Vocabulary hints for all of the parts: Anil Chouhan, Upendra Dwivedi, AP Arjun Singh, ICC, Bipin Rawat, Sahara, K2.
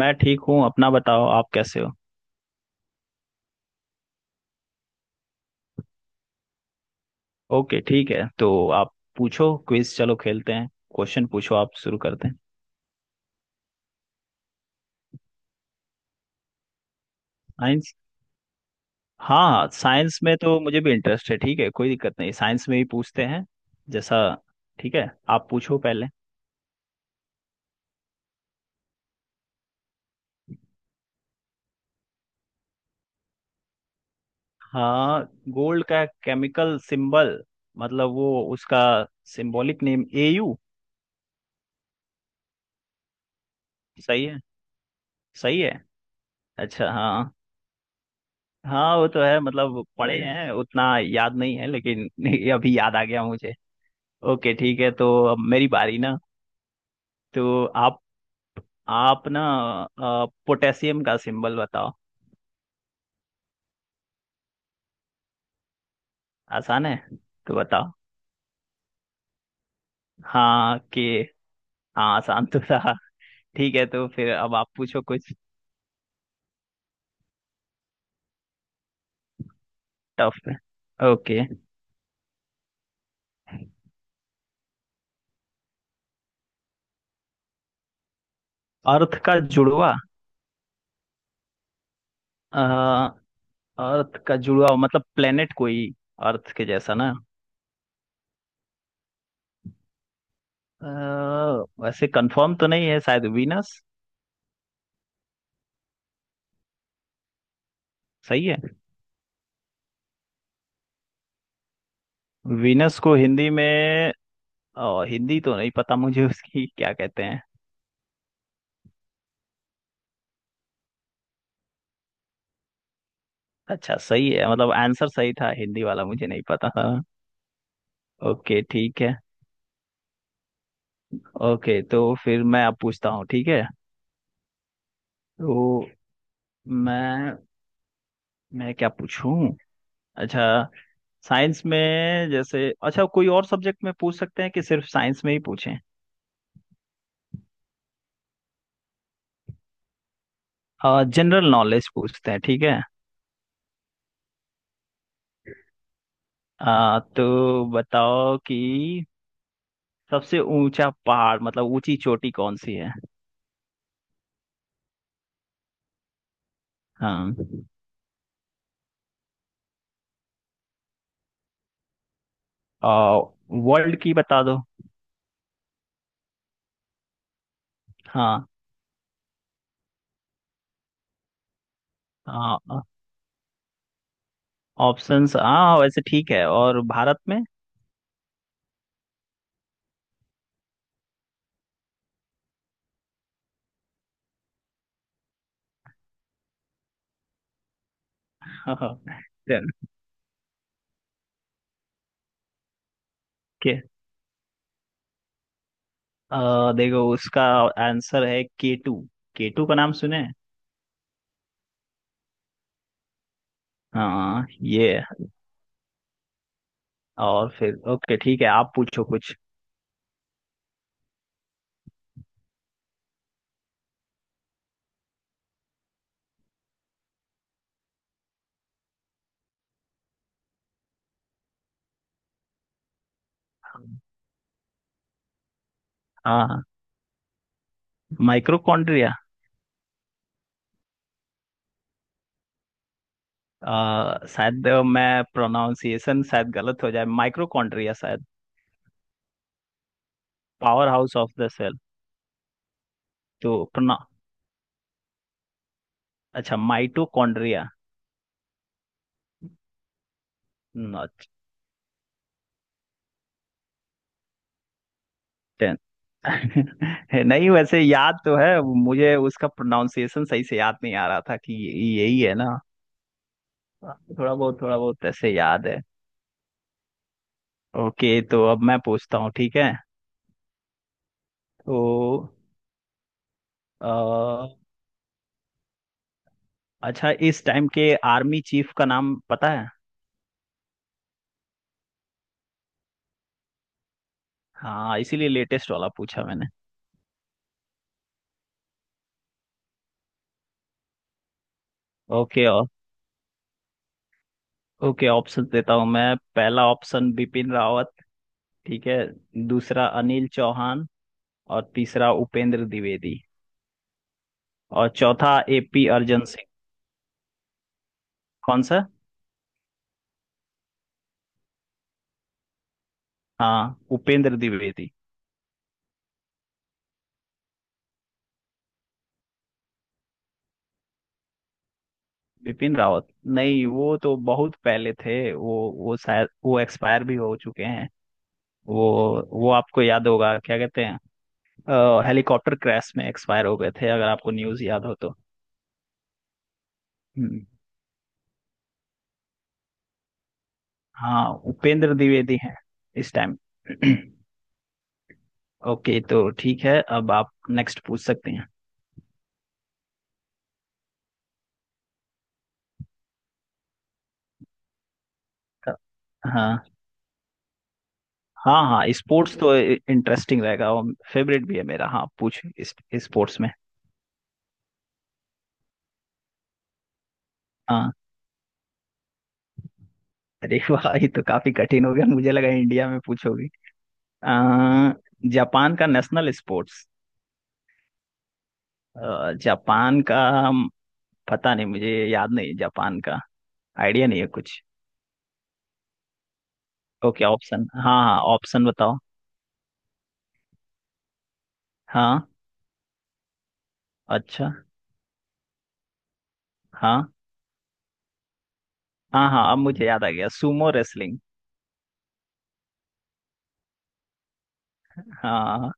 मैं ठीक हूँ। अपना बताओ, आप कैसे हो? ओके ठीक है। तो आप पूछो, क्विज चलो खेलते हैं। क्वेश्चन पूछो, आप शुरू करते हैं। साइंस। हाँ हाँ, साइंस में तो मुझे भी इंटरेस्ट है। ठीक है, कोई दिक्कत नहीं, साइंस में ही पूछते हैं जैसा। ठीक है, आप पूछो पहले। हाँ। गोल्ड का केमिकल सिंबल मतलब वो उसका सिंबॉलिक नेम एयू। सही है। सही है। अच्छा हाँ। हाँ वो तो है, मतलब पढ़े हैं उतना याद नहीं है लेकिन अभी याद आ गया मुझे। ओके ठीक है। तो अब मेरी बारी ना। तो आप ना, पोटेशियम का सिंबल बताओ। आसान है। तो बताओ। हाँ कि। हाँ आसान तो था। ठीक है, तो फिर अब आप पूछो कुछ टफ में। ओके। अर्थ का जुड़वा। अ, अर्थ का जुड़वा मतलब प्लेनेट कोई अर्थ के जैसा ना। वैसे कंफर्म तो नहीं है, शायद वीनस। सही है। वीनस को हिंदी में हिंदी तो नहीं पता मुझे उसकी, क्या कहते हैं। अच्छा सही है, मतलब आंसर सही था, हिंदी वाला मुझे नहीं पता था। ओके ठीक है। ओके, तो फिर मैं अब पूछता हूँ ठीक है। तो मैं मैं क्या पूछूं? अच्छा, साइंस में जैसे अच्छा, कोई और सब्जेक्ट में पूछ सकते हैं कि सिर्फ साइंस में ही पूछें? जनरल नॉलेज पूछते हैं, ठीक है। तो बताओ कि सबसे ऊंचा पहाड़ मतलब ऊंची चोटी कौन सी है? हाँ, वर्ल्ड की बता दो। हाँ ऑप्शंस, हाँ वैसे ठीक है, और भारत में चल के। देखो, उसका आंसर है के टू। के टू का नाम सुने हैं? हाँ ये है। और फिर ओके ठीक है, आप पूछो कुछ। हाँ, माइक्रोकॉन्ड्रिया। शायद मैं प्रोनाउंसिएशन शायद गलत हो जाए, माइक्रोकॉन्ड्रिया शायद। Power house of the cell. तो प्रोना अच्छा, माइटोकॉन्ड्रिया। टेन। नहीं, वैसे याद तो है मुझे, उसका प्रोनाउंसिएशन सही से याद नहीं आ रहा था कि यही है ना। थोड़ा बहुत ऐसे याद है। ओके, तो अब मैं पूछता हूँ, ठीक है। तो अ, अच्छा, इस टाइम के आर्मी चीफ का नाम पता है? हाँ, इसीलिए लेटेस्ट वाला पूछा मैंने। ओके ओ- ओके ऑप्शन देता हूँ मैं। पहला ऑप्शन बिपिन रावत, ठीक है। दूसरा अनिल चौहान, और तीसरा उपेंद्र द्विवेदी, और चौथा एपी अर्जन सिंह। कौन सा? हाँ, उपेंद्र द्विवेदी। विपिन रावत नहीं, वो तो बहुत पहले थे, वो शायद वो एक्सपायर भी हो चुके हैं। वो वो आपको याद होगा क्या कहते हैं, हेलीकॉप्टर क्रैश में एक्सपायर हो गए थे, अगर आपको न्यूज़ याद हो तो। हम्म, हाँ उपेंद्र द्विवेदी हैं इस टाइम। ओके तो ठीक है, अब आप नेक्स्ट पूछ सकते हैं। अ, हाँ हाँ हाँ, स्पोर्ट्स तो इंटरेस्टिंग रहेगा और फेवरेट भी है मेरा। हाँ पूछ इस, स्पोर्ट्स में। हाँ। अरे वाह, ये तो काफी कठिन हो गया, मुझे लगा इंडिया में पूछोगे। अ, जापान का नेशनल स्पोर्ट्स। जापान का पता नहीं, मुझे याद नहीं जापान का। आइडिया नहीं है कुछ। ओके ऑप्शन, हाँ हाँ ऑप्शन बताओ। हाँ। अच्छा। हाँ हाँ हाँ, अब मुझे याद आ गया, सुमो रेसलिंग। हाँ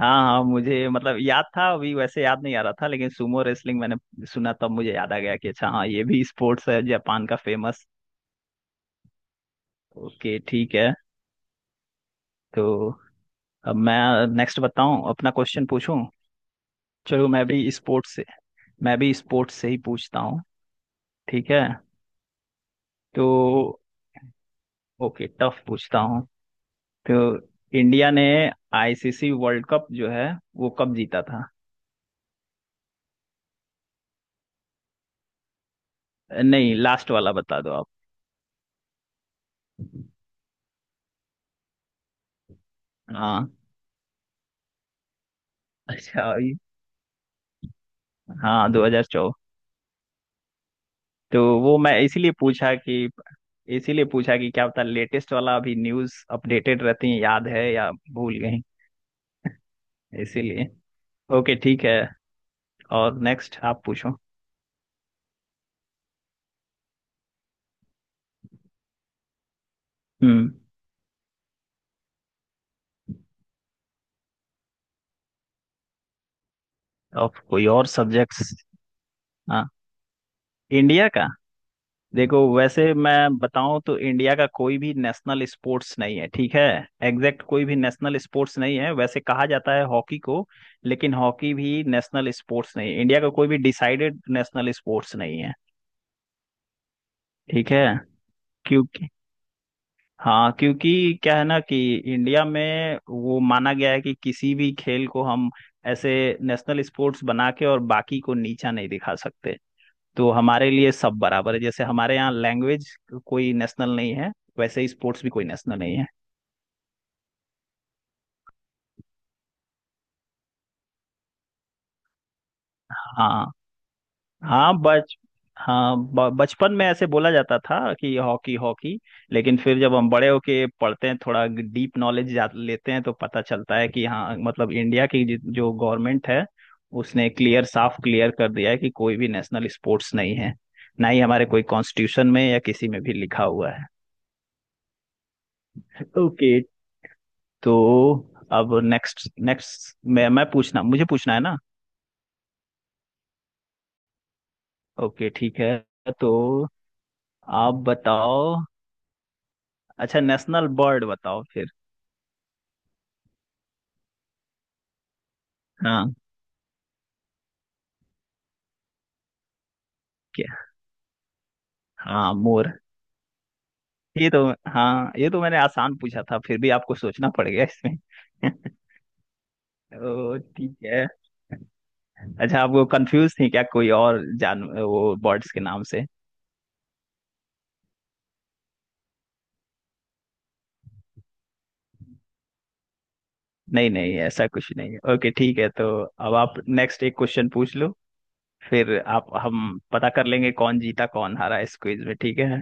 हाँ हाँ, मुझे मतलब याद था, अभी वैसे याद नहीं आ रहा था लेकिन सुमो रेसलिंग मैंने सुना, तब मुझे याद आ गया कि अच्छा हाँ, ये भी स्पोर्ट्स है जापान का फेमस। ओके ठीक है। तो अब मैं नेक्स्ट बताऊं, अपना क्वेश्चन पूछूं। चलो, मैं भी स्पोर्ट्स से ही पूछता हूं, ठीक है। तो ओके, टफ पूछता हूं। तो इंडिया ने आईसीसी वर्ल्ड कप जो है वो कब जीता था? नहीं, लास्ट वाला बता दो आप। हाँ। अच्छा हाँ, 2014। तो वो मैं इसीलिए पूछा कि क्या पता लेटेस्ट वाला, अभी न्यूज़ अपडेटेड रहती है याद है या भूल गई, इसीलिए। ओके ठीक है, और नेक्स्ट आप पूछो। हम्म। ऑफ कोई और सब्जेक्ट्स। हाँ। इंडिया का। देखो वैसे मैं बताऊं तो, इंडिया का कोई भी नेशनल स्पोर्ट्स नहीं है, ठीक है। एग्जैक्ट कोई भी नेशनल स्पोर्ट्स नहीं है, वैसे कहा जाता है हॉकी को, लेकिन हॉकी भी नेशनल स्पोर्ट्स नहीं है। इंडिया का कोई भी डिसाइडेड नेशनल स्पोर्ट्स नहीं है। ठीक है, क्योंकि हाँ, क्योंकि क्या है ना कि इंडिया में वो माना गया है कि किसी भी खेल को हम ऐसे नेशनल स्पोर्ट्स बना के और बाकी को नीचा नहीं दिखा सकते। तो हमारे लिए सब बराबर है, जैसे हमारे यहाँ लैंग्वेज कोई नेशनल नहीं है, वैसे ही स्पोर्ट्स भी कोई नेशनल नहीं है। हाँ। हाँ बच हाँ, बचपन में ऐसे बोला जाता था कि हॉकी हॉकी, लेकिन फिर जब हम बड़े होके पढ़ते हैं, थोड़ा डीप नॉलेज लेते हैं, तो पता चलता है कि हाँ मतलब, इंडिया की जो गवर्नमेंट है उसने क्लियर, साफ क्लियर कर दिया है कि कोई भी नेशनल स्पोर्ट्स नहीं है, ना ही हमारे कोई कॉन्स्टिट्यूशन में या किसी में भी लिखा हुआ है। ओके। तो अब नेक्स्ट नेक्स्ट मैं पूछना मुझे पूछना है ना। ओके ठीक है, तो आप बताओ। अच्छा, नेशनल बर्ड बताओ फिर। हाँ। क्या? हाँ, मोर। ये तो हाँ, ये तो मैंने आसान पूछा था, फिर भी आपको सोचना पड़ गया इसमें ओ ठीक है। अच्छा, आप वो कंफ्यूज थी क्या, कोई और जान वो बर्ड्स के नाम से? नहीं नहीं, ऐसा कुछ नहीं है। ओके ठीक है, तो अब आप नेक्स्ट एक क्वेश्चन पूछ लो, फिर आप हम पता कर लेंगे कौन जीता कौन हारा इस क्विज में, ठीक है।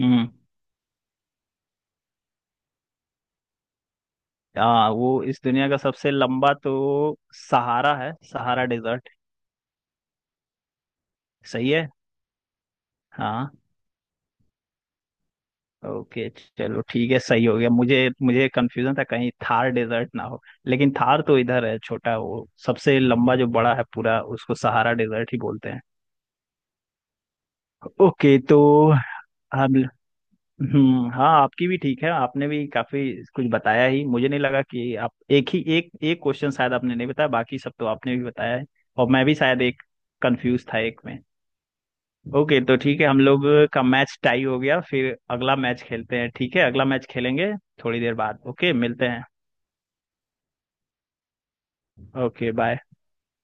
हम्म। हाँ, वो इस दुनिया का सबसे लंबा तो सहारा है, सहारा डेजर्ट। सही है। हाँ। ओके, चलो ठीक है, सही हो गया। मुझे मुझे कंफ्यूजन था कहीं थार डेजर्ट ना हो, लेकिन थार तो इधर है छोटा, वो सबसे लंबा जो बड़ा है पूरा उसको सहारा डेजर्ट ही बोलते हैं। ओके। तो हम हम्म, हाँ आपकी भी ठीक है, आपने भी काफी कुछ बताया ही, मुझे नहीं लगा कि आप एक ही एक एक क्वेश्चन शायद आपने नहीं बताया, बाकी सब तो आपने भी बताया है, और मैं भी शायद एक कंफ्यूज था एक में। ओके तो ठीक है, हम लोग का मैच टाई हो गया, फिर अगला मैच खेलते हैं, ठीक है, अगला मैच खेलेंगे थोड़ी देर बाद, ओके मिलते हैं। Okay bye.